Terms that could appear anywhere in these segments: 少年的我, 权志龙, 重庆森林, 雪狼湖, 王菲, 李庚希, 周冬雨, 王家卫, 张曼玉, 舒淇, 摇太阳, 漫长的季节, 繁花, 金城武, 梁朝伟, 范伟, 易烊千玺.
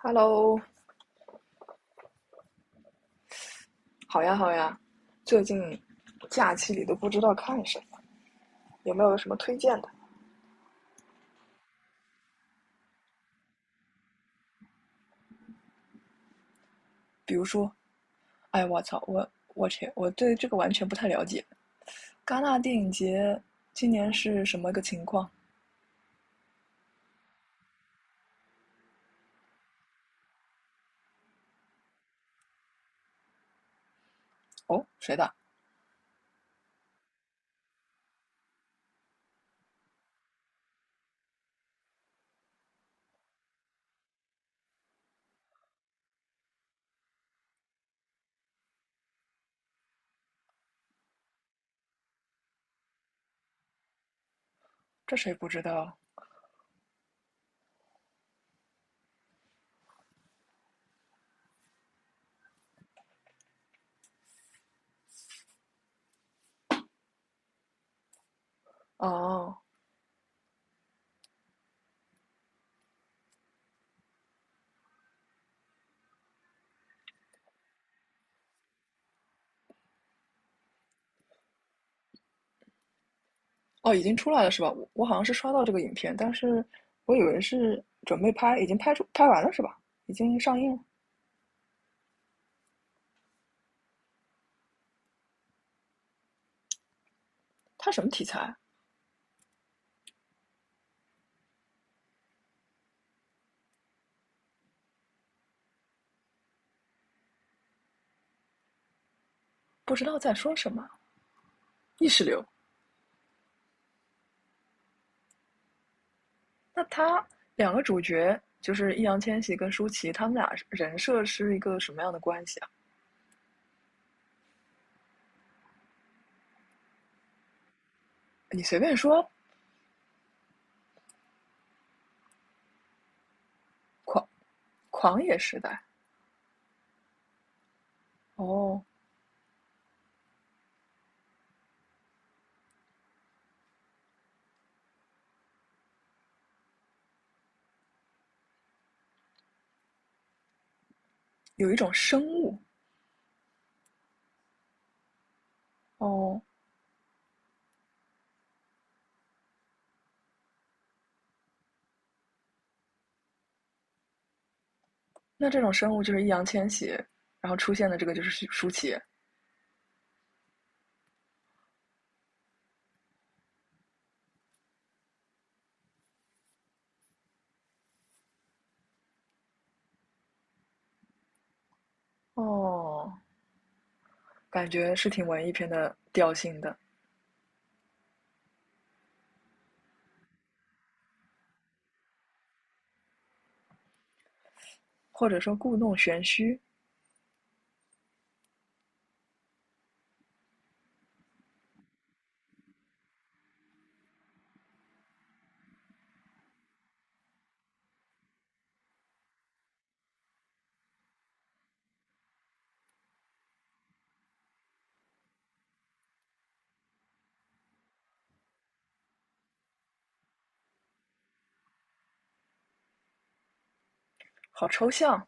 Hello，好呀好呀，最近假期里都不知道看什么，有没有什么推荐的？比如说，哎，我操，我去，我对这个完全不太了解。戛纳电影节今年是什么个情况？哦，谁的？这谁不知道？哦哦，已经出来了是吧？我好像是刷到这个影片，但是我以为是准备拍，已经拍完了是吧？已经上映了。它什么题材？不知道在说什么，意识流。那他两个主角就是易烊千玺跟舒淇，他们俩人设是一个什么样的关系啊？你随便说，狂狂野时代哦，有一种生物哦，那这种生物就是易烊千玺，然后出现的这个就是舒淇哦，感觉是挺文艺片的调性的，或者说故弄玄虚，好抽象，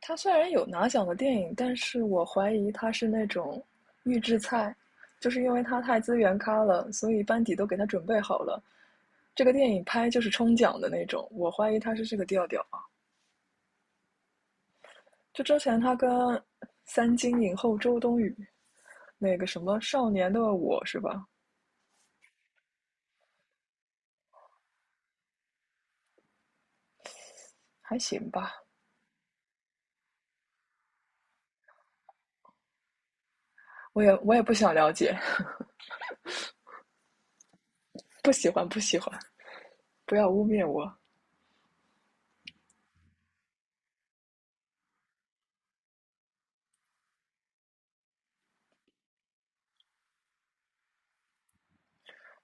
他虽然有拿奖的电影，但是我怀疑他是那种预制菜，就是因为他太资源咖了，所以班底都给他准备好了。这个电影拍就是冲奖的那种，我怀疑他是这个调调啊。就之前他跟三金影后周冬雨那个什么《少年的我》是吧？还行吧，我也不想了解，不喜欢不喜欢，不要污蔑我。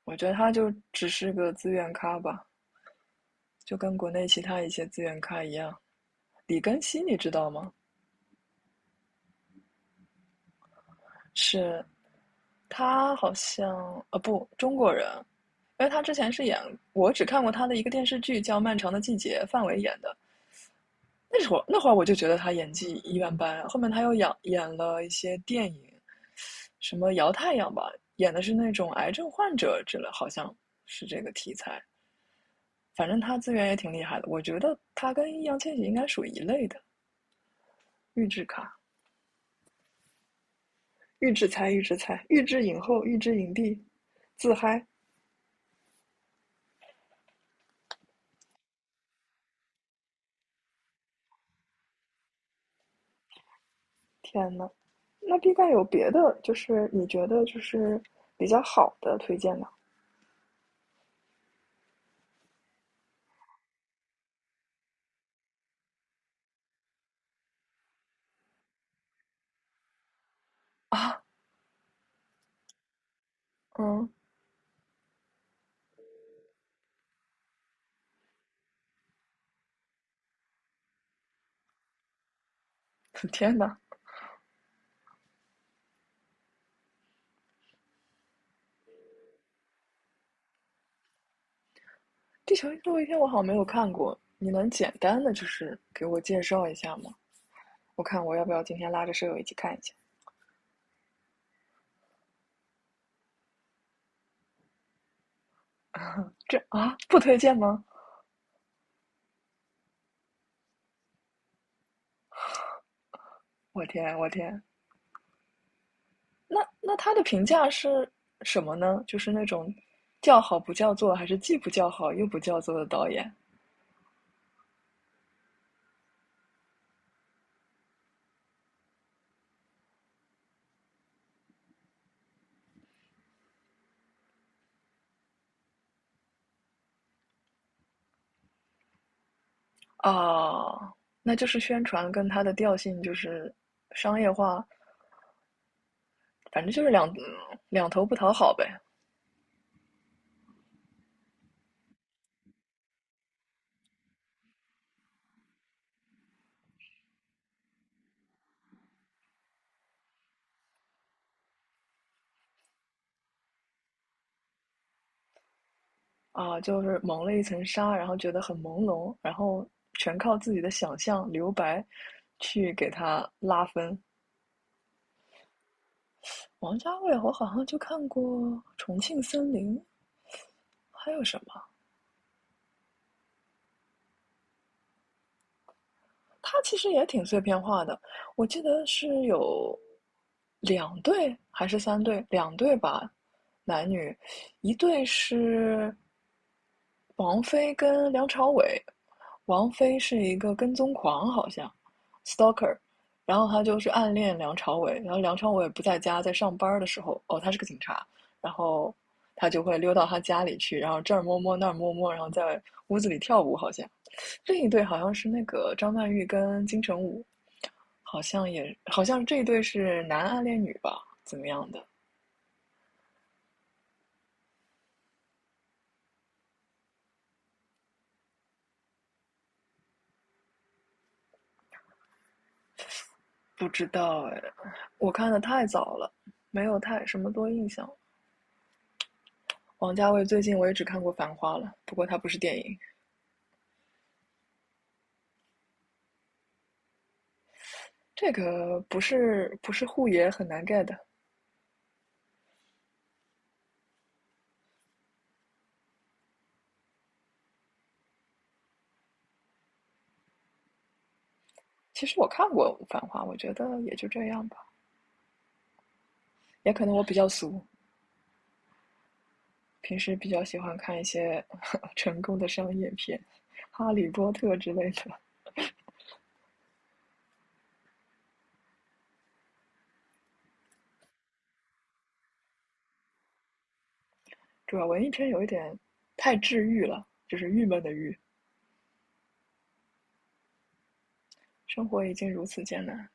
我觉得他就只是个资源咖吧，就跟国内其他一些资源咖一样。李庚希，你知道吗？是他好像不中国人，因为他之前是演我只看过他的一个电视剧叫《漫长的季节》，范伟演的。那会儿我就觉得他演技一般般，后面他又演了一些电影，什么《摇太阳》吧，演的是那种癌症患者之类，好像是这个题材。反正他资源也挺厉害的，我觉得他跟易烊千玺应该属于一类的，预制卡、预制菜、预制影后、预制影帝，自嗨。天呐，那 B 站有别的，就是你觉得就是比较好的推荐吗？啊，嗯，天呐，地球最后一天我好像没有看过，你能简单的就是给我介绍一下吗？我看我要不要今天拉着舍友一起看一下？这啊，不推荐吗？我天，我天，那他的评价是什么呢？就是那种叫好不叫座，还是既不叫好又不叫座的导演啊？那就是宣传跟他的调性就是商业化反正就是两头不讨好呗。啊，就是蒙了一层纱，然后觉得很朦胧，然后全靠自己的想象留白去给他拉分。王家卫，我好像就看过《重庆森林》，还有什么？他其实也挺碎片化的，我记得是有两对还是三对？两对吧，男女，一对是王菲跟梁朝伟，王菲是一个跟踪狂，好像，stalker，然后她就是暗恋梁朝伟，然后梁朝伟不在家，在上班的时候，哦，他是个警察，然后他就会溜到他家里去，然后这儿摸摸那儿摸摸，然后在屋子里跳舞，好像。另一对好像是那个张曼玉跟金城武，好像也好像这一对是男暗恋女吧，怎么样的？不知道哎，我看的太早了，没有太什么多印象。王家卫最近我也只看过《繁花》了，不过它不是电影，这个不是护爷很难 get 的。其实我看过《繁花》，我觉得也就这样吧，也可能我比较俗，平时比较喜欢看一些 呵呵成功的商业片，《哈利波特》之类的。主要文艺片有一点太治愈了，就是郁闷的郁，生活已经如此艰难。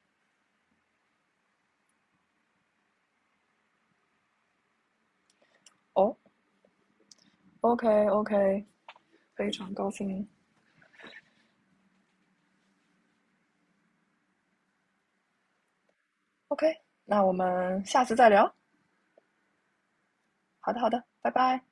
哦，OK OK，非常高兴。OK，那我们下次再聊。好的好的，拜拜。